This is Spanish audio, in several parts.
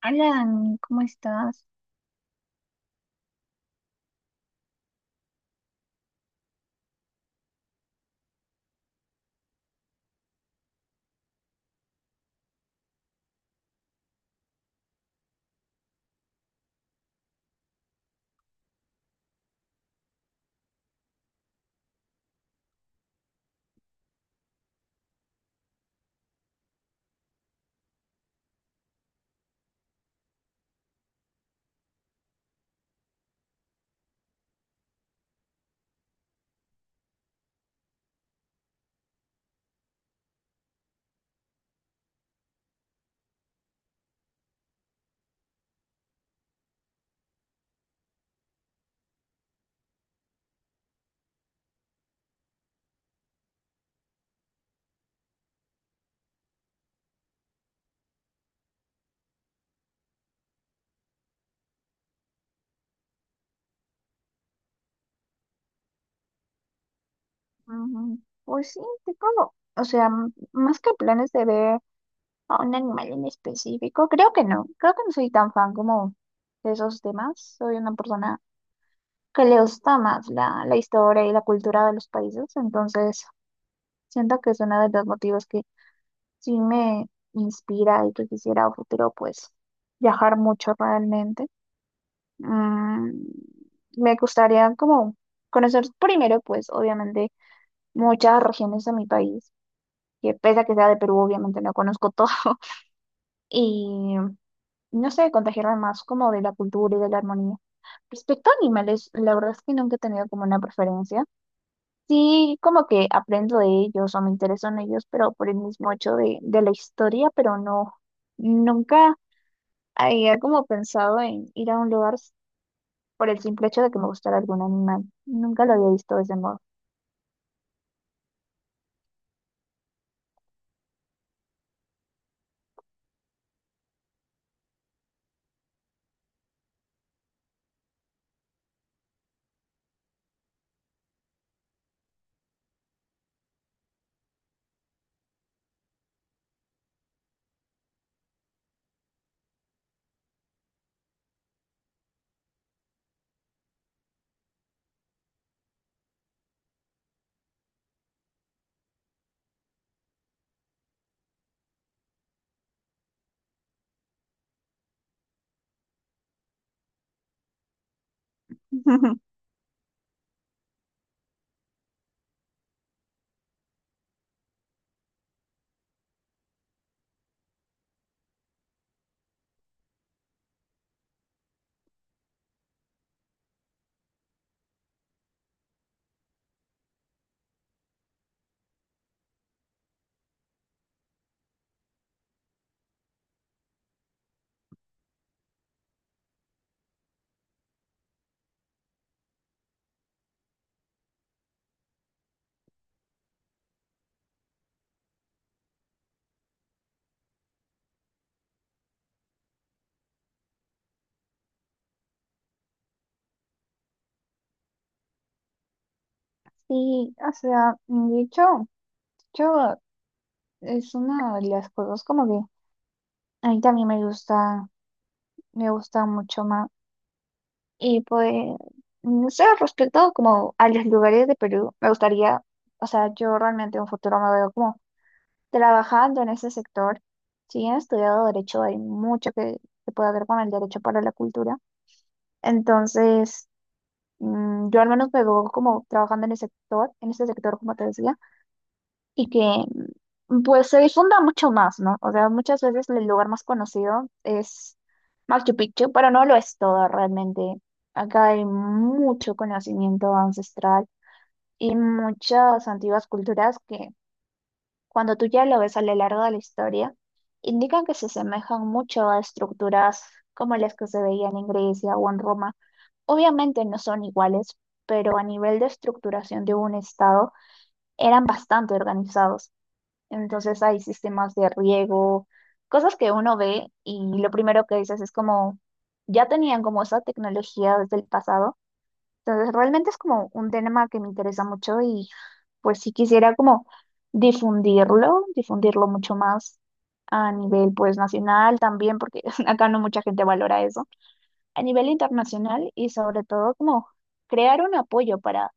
Alan, ¿cómo estás? Ujú. Pues sí, tengo, o sea, más que planes de ver a un animal en específico, creo que no soy tan fan como de esos temas. Soy una persona que le gusta más la historia y la cultura de los países. Entonces siento que es uno de los motivos que sí me inspira y que quisiera a futuro pues viajar mucho realmente. Mm, Me gustaría como conocer primero, pues obviamente, muchas regiones de mi país, que pese a que sea de Perú, obviamente no conozco todo. Y no sé, contagiarme más como de la cultura y de la armonía. Respecto a animales, la verdad es que nunca he tenido como una preferencia. Sí, como que aprendo de ellos o me intereso en ellos, pero por el mismo hecho de la historia. Pero no, nunca había como pensado en ir a un lugar por el simple hecho de que me gustara algún animal. Nunca lo había visto de ese modo. Sí, o sea, de hecho, yo es una de las cosas como que a mí también me gusta mucho más. Y pues, no sé, respecto como a los lugares de Perú, me gustaría, o sea, yo realmente en un futuro me veo como trabajando en ese sector. Si bien he estudiado derecho, hay mucho que se puede ver con el derecho para la cultura. Entonces, yo al menos me veo como trabajando en ese sector, como te decía. Y que pues se difunda mucho más, ¿no? O sea, muchas veces el lugar más conocido es Machu Picchu, pero no lo es todo realmente. Acá hay mucho conocimiento ancestral y muchas antiguas culturas que, cuando tú ya lo ves a lo largo de la historia, indican que se asemejan mucho a estructuras como las que se veían en Grecia o en Roma. Obviamente no son iguales, pero a nivel de estructuración de un estado eran bastante organizados. Entonces hay sistemas de riego, cosas que uno ve y lo primero que dices es como, ya tenían como esa tecnología desde el pasado. Entonces realmente es como un tema que me interesa mucho y pues sí quisiera como difundirlo, difundirlo mucho más a nivel pues nacional también, porque acá no mucha gente valora eso a nivel internacional. Y sobre todo como crear un apoyo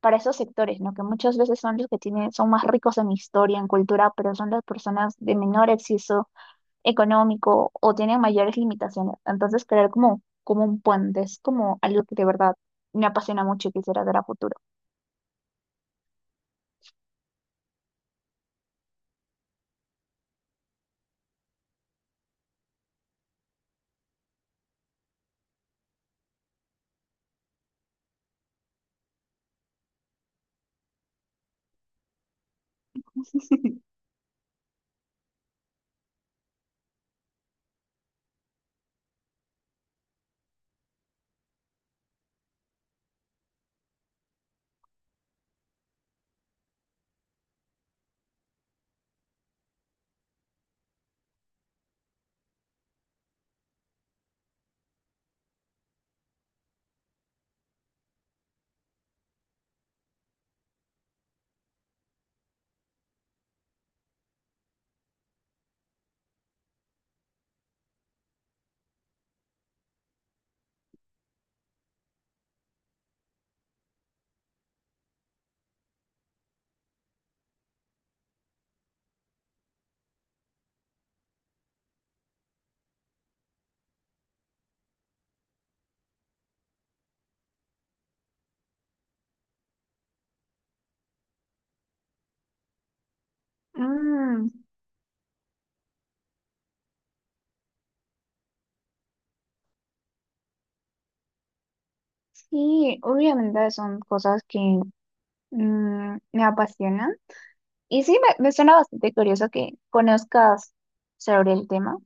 para esos sectores, ¿no? Que muchas veces son los que tienen, son más ricos en historia, en cultura, pero son las personas de menor acceso económico o tienen mayores limitaciones. Entonces, crear como, como un puente es como algo que de verdad me apasiona mucho y quisiera hacer a futuro. Mm, sí, obviamente son cosas que, me apasionan. Y sí, me suena bastante curioso que conozcas sobre el tema,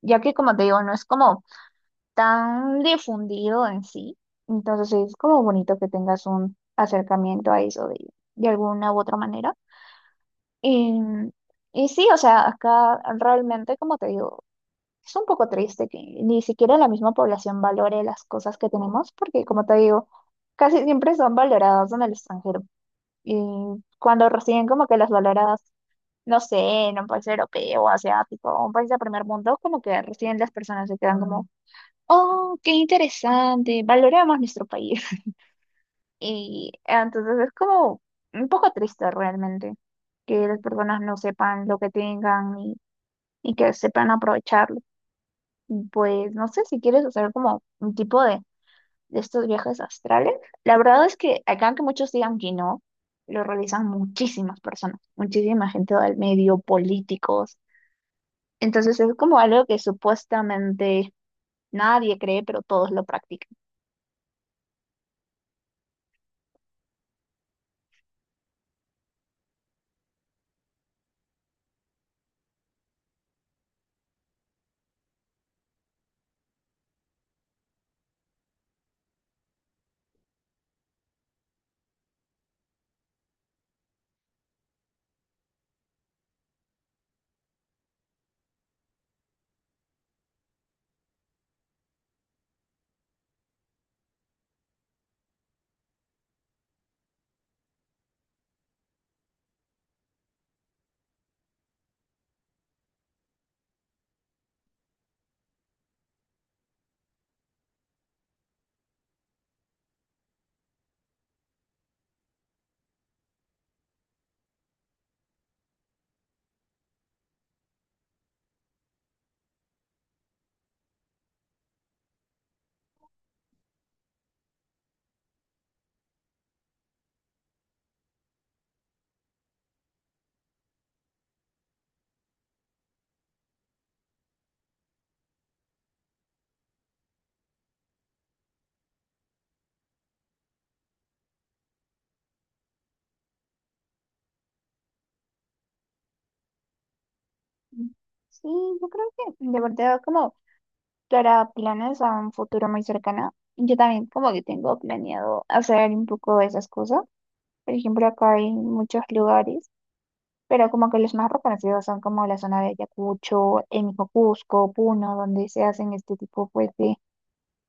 ya que, como te digo, no es como tan difundido en sí. Entonces sí, es como bonito que tengas un acercamiento a eso de alguna u otra manera. Y, y sí, o sea, acá realmente, como te digo, es un poco triste que ni siquiera la misma población valore las cosas que tenemos, porque, como te digo, casi siempre son valoradas en el extranjero. Y cuando recién como que las valoradas, no sé, en un país europeo, asiático, un país de primer mundo, como que recién las personas se quedan. Mm. Como, oh, qué interesante, valoramos nuestro país. Y ah, entonces es como un poco triste realmente que las personas no sepan lo que tengan y que sepan aprovecharlo. Y pues no sé si quieres hacer como un tipo de estos viajes astrales. La verdad es que acá, que muchos digan que no, lo realizan muchísimas personas, muchísima gente del medio, políticos. Entonces es como algo que supuestamente nadie cree, pero todos lo practican. Sí, yo creo que de verdad, como para planes a un futuro muy cercano, yo también como que tengo planeado hacer un poco de esas cosas. Por ejemplo, acá hay muchos lugares, pero como que los más reconocidos son como la zona de Ayacucho, el mismo Cusco, Puno, donde se hacen este tipo, pues,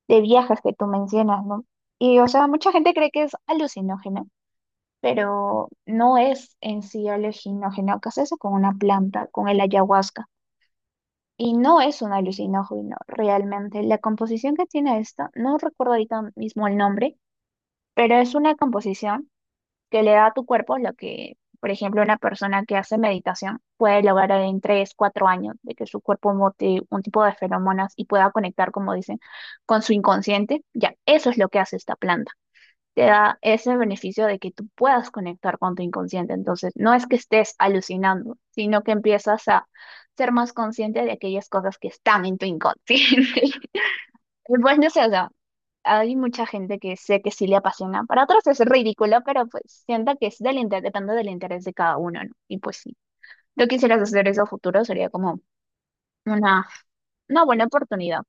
de viajes que tú mencionas, ¿no? Y o sea, mucha gente cree que es alucinógeno, pero no es en sí alucinógeno, que es eso con una planta, con el ayahuasca. Y no es un alucinógeno, realmente. La composición que tiene esto, no recuerdo ahorita mismo el nombre, pero es una composición que le da a tu cuerpo lo que, por ejemplo, una persona que hace meditación puede lograr en 3 4 años, de que su cuerpo bote un tipo de feromonas y pueda conectar, como dicen, con su inconsciente. Ya, eso es lo que hace esta planta, te da ese beneficio de que tú puedas conectar con tu inconsciente. Entonces, no es que estés alucinando, sino que empiezas a ser más consciente de aquellas cosas que están en tu inconsciente. Y pues no sé, o sea, hay mucha gente que sé que sí le apasiona. Para otros es ridículo, pero pues sienta que es del interés, depende del interés de cada uno, ¿no? Y pues sí, yo quisieras hacer eso a futuro, sería como una, una buena oportunidad.